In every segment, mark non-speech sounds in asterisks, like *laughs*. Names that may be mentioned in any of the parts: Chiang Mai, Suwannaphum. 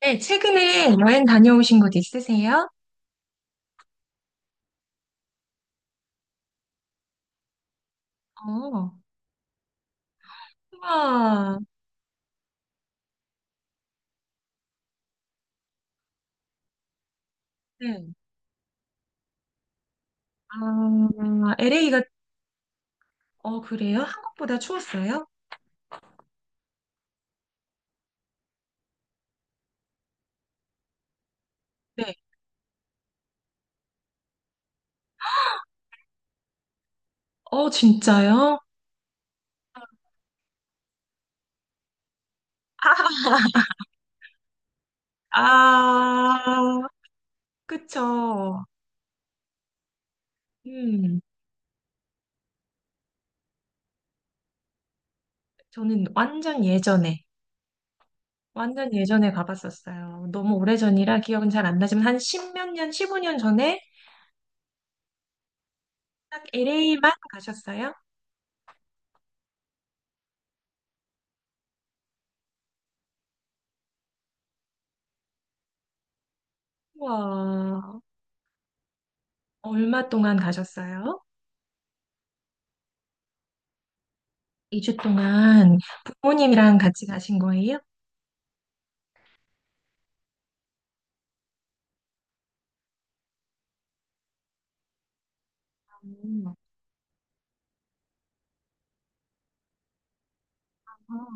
네, 최근에 여행 다녀오신 곳 있으세요? 어, 와, 네. 아, LA가, 어, 그래요? 한국보다 추웠어요? 네. 어, 진짜요? *laughs* 아, 아, 그쵸. 음, 저는 완전 예전에 가봤었어요. 너무 오래전이라 기억은 잘 안 나지만 한 십몇 년, 십오 년 전에 딱 LA만 가셨어요? 와, 얼마 동안 가셨어요? 2주 동안 부모님이랑 같이 가신 거예요? 음, 아,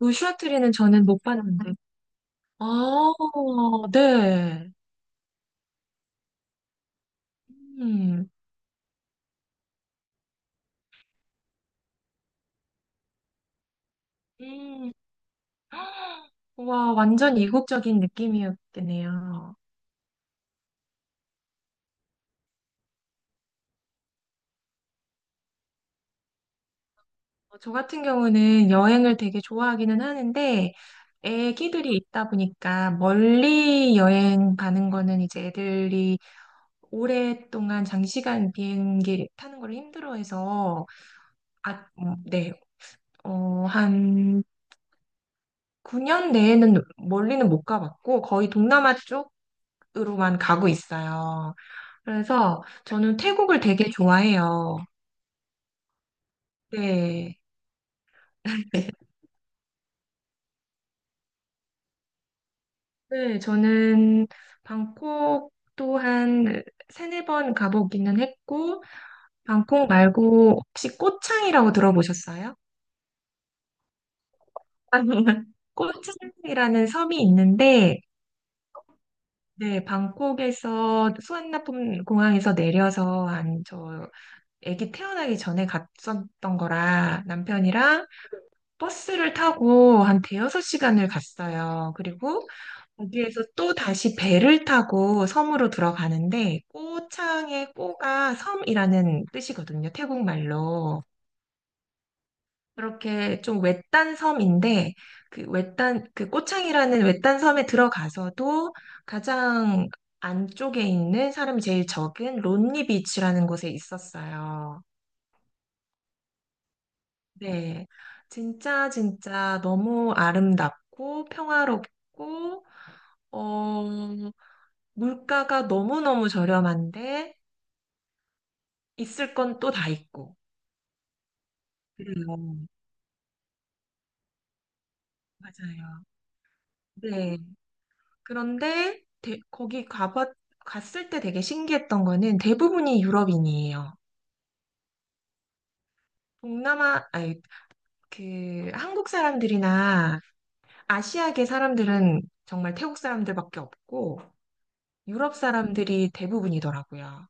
어트리는 저는 못 봤는데. *laughs* 아, 네. 음, 음. *gasps* 와, 완전 이국적인 느낌이었겠네요. 어, 저 같은 경우는 여행을 되게 좋아하기는 하는데, 애기들이 있다 보니까 멀리 여행 가는 거는 이제 애들이 오랫동안 장시간 비행기 타는 걸 힘들어해서, 아, 네, 어, 한 9년 내에는 멀리는 못 가봤고 거의 동남아 쪽으로만 가고 있어요. 그래서 저는 태국을 되게 좋아해요. 네. 네, 저는 방콕 또한 세네 번 가보기는 했고, 방콕 말고 혹시 꼬창이라고 들어보셨어요? *laughs* 꼬창이라는 섬이 있는데, 네, 방콕에서 수완나품 공항에서 내려서 한저 아기 태어나기 전에 갔었던 거라 남편이랑 버스를 타고 한 대여섯 시간을 갔어요. 그리고 거기에서 또 다시 배를 타고 섬으로 들어가는데 꼬창의 꼬가 섬이라는 뜻이거든요. 태국 말로. 그렇게 좀 외딴 섬인데 그 외딴 그 꼬창이라는 외딴 섬에 들어가서도 가장 안쪽에 있는 사람이 제일 적은 론니 비치라는 곳에 있었어요. 네, 진짜 진짜 너무 아름답고 평화롭고 어, 물가가 너무너무 저렴한데 있을 건 또 다 있고 그래요. 맞아요. 네. 그런데 대- 거기 가봤 갔을 때 되게 신기했던 거는 대부분이 유럽인이에요. 동남아 아니 그 한국 사람들이나 아시아계 사람들은 정말 태국 사람들밖에 없고 유럽 사람들이 대부분이더라고요.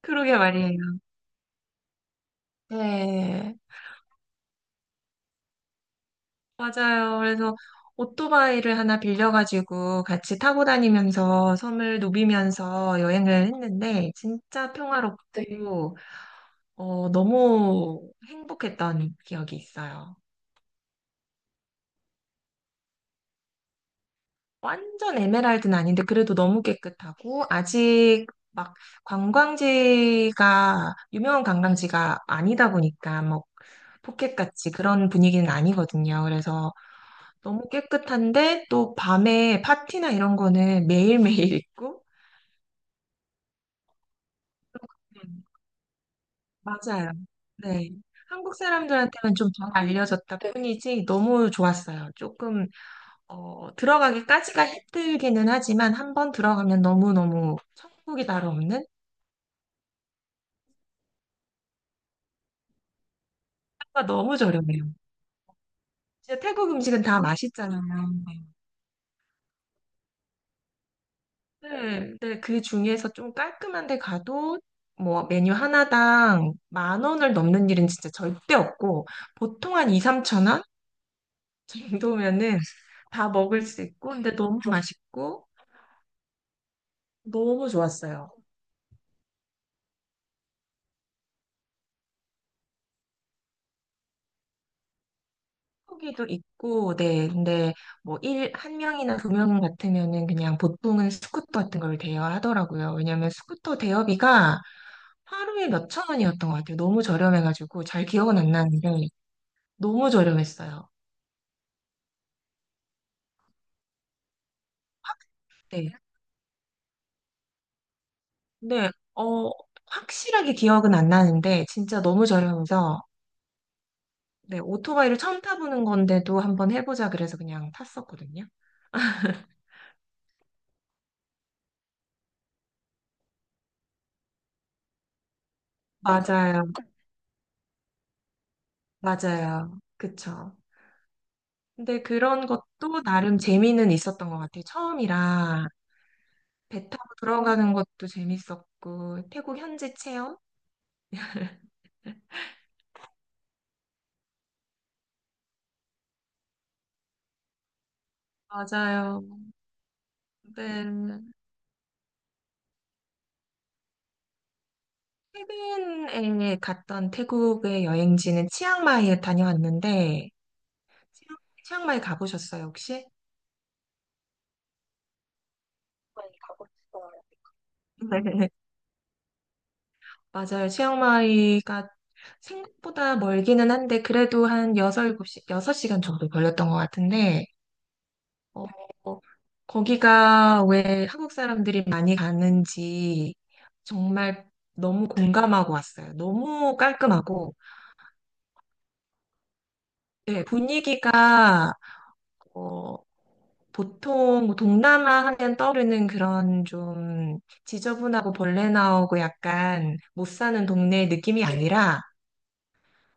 그러게 말이에요. 네, 맞아요. 그래서 오토바이를 하나 빌려가지고 같이 타고 다니면서 섬을 누비면서 여행을 했는데 진짜, 네, 평화롭고 어, 너무 행복했던 기억이 있어요. 완전 에메랄드는 아닌데 그래도 너무 깨끗하고 아직 막 관광지가 유명한 관광지가 아니다 보니까 뭐 포켓같이 그런 분위기는 아니거든요. 그래서 너무 깨끗한데 또 밤에 파티나 이런 거는 매일매일 있고. 음, 맞아요. 네. 한국 사람들한테는 좀 잘 알려졌다 뿐이지 너무 좋았어요. 조금 어, 들어가기까지가 힘들기는 하지만 한번 들어가면 너무너무 천국이 다로 없는? 태국 너무 저렴해요. 진짜 태국 음식은 다 맛있잖아요. 네, 네, 그 중에서 좀 깔끔한 데 가도 뭐 메뉴 하나당 만 원을 넘는 일은 진짜 절대 없고 보통 한 2, 3천 원 정도면은 다 먹을 수 있고 근데 너무 맛있고 너무 좋았어요. 후기도 있고, 네, 근데 뭐 일 한 명이나 두 명 같으면은 그냥 보통은 스쿠터 같은 걸 대여하더라고요. 왜냐면 스쿠터 대여비가 하루에 몇 천 원이었던 것 같아요. 너무 저렴해가지고 잘 기억은 안 나는데 너무 저렴했어요. 네. 네, 어, 확실하게 기억은 안 나는데, 진짜 너무 저렴해서, 네, 오토바이를 처음 타보는 건데도 한번 해보자 그래서 그냥 탔었거든요. 맞아요, 맞아요. 그쵸. 근데 그런 것도 나름 재미는 있었던 것 같아요. 처음이라 배 타고 들어가는 것도 재밌었고, 태국 현지 체험? 맞아요. 네. 최근에 갔던 태국의 여행지는 치앙마이에 다녀왔는데, 치앙- 치앙마이 가보셨어요, 혹시? 많이 가고 싶어요. 네, 맞아요. 치앙마이가 생각보다 멀기는 한데, 그래도 한 6, 7시, 섯시간 정도 걸렸던 것 같은데, 어, 거기가 왜 한국 사람들이 많이 가는지 정말 너무 공감하고 왔어요. 너무 깔끔하고, 네, 분위기가, 어, 보통 뭐 동남아 하면 떠오르는 그런 좀 지저분하고 벌레 나오고 약간 못 사는 동네 느낌이 아니라,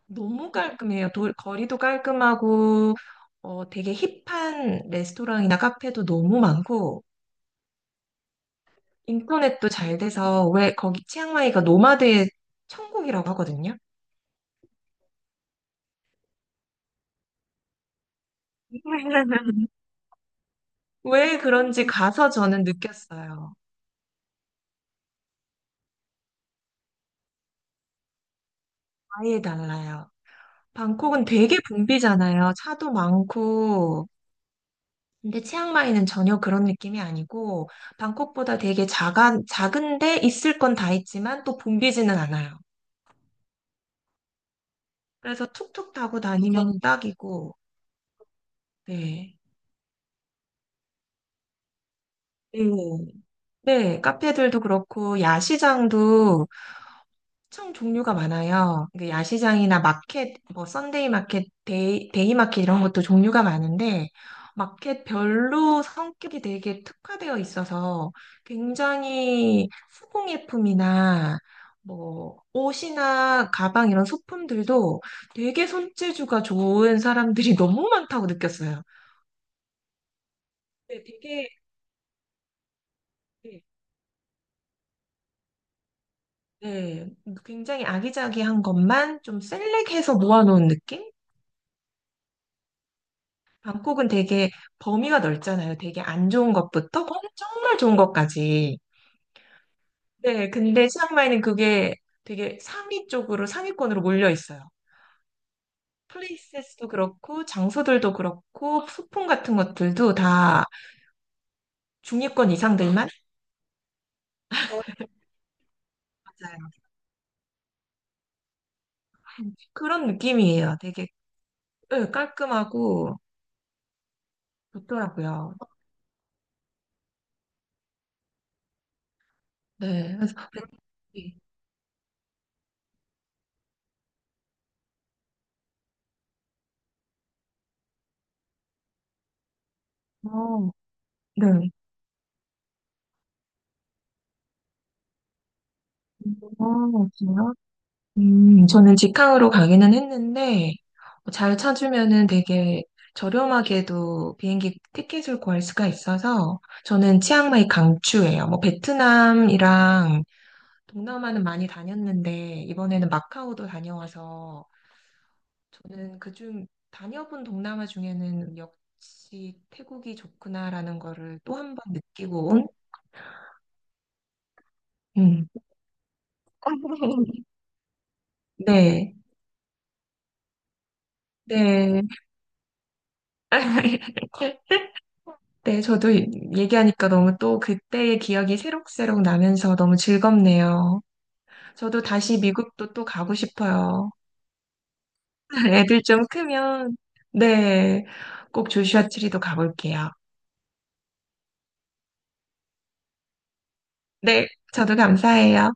너무 깔끔해요. 거리도 깔끔하고 어, 되게 힙한 레스토랑이나 카페도 너무 많고 인터넷도 잘 돼서, 왜 거기 치앙마이가 노마드의 천국이라고 하거든요. *laughs* 왜 그런지 가서 저는 느꼈어요. 아예 달라요. 방콕은 되게 붐비잖아요. 차도 많고. 근데 치앙마이는 전혀 그런 느낌이 아니고 방콕보다 되게 작은데 있을 건 다 있지만 또 붐비지는 않아요. 그래서 툭툭 타고 다니면 딱이고, 네. 네, 네, 카페들도 그렇고, 야시장도 엄청 종류가 많아요. 이게 야시장이나 마켓, 뭐, 썬데이 마켓, 데이 마켓 이런 것도 종류가 많은데, 마켓별로 성격이 되게 특화되어 있어서 굉장히 수공예품이나 뭐, 옷이나 가방 이런 소품들도 되게 손재주가 좋은 사람들이 *laughs* 너무 많다고 느꼈어요. 네, 되게. 네. 네, 그러니까 굉장히 아기자기한 것만 좀 셀렉해서 모아놓은 느낌? 방콕은 되게 범위가 넓잖아요. 되게 안 좋은 것부터 정말 좋은 것까지. 네, 근데 치앙마이는 그게 되게 상위 쪽으로 상위권으로 몰려 있어요. 플레이스도 그렇고 장소들도 그렇고 소품 같은 것들도 다 중위권 이상들만. 맞아요. 그런 느낌이에요. 되게. 네, 깔끔하고 좋더라고요. 네, 그래서 어, 네. 어, 그래요? 저는 직항으로 가기는 했는데, 잘 찾으면은 되게 저렴하게도 비행기 티켓을 구할 수가 있어서, 저는 치앙마이 강추예요. 뭐, 베트남이랑 동남아는 많이 다녔는데, 이번에는 마카오도 다녀와서, 저는 그중 다녀본 동남아 중에는 역시 태국이 좋구나라는 거를 또 한 번 느끼고 온, 음, *laughs* 네, 네. 네, 저도 얘기하니까 너무 또 그때의 기억이 새록새록 나면서 너무 즐겁네요. 저도 다시 미국도 또 가고 싶어요. *laughs* 애들 좀 크면, 네, 꼭 조슈아 트리도 가볼게요. 네, 저도 감사해요.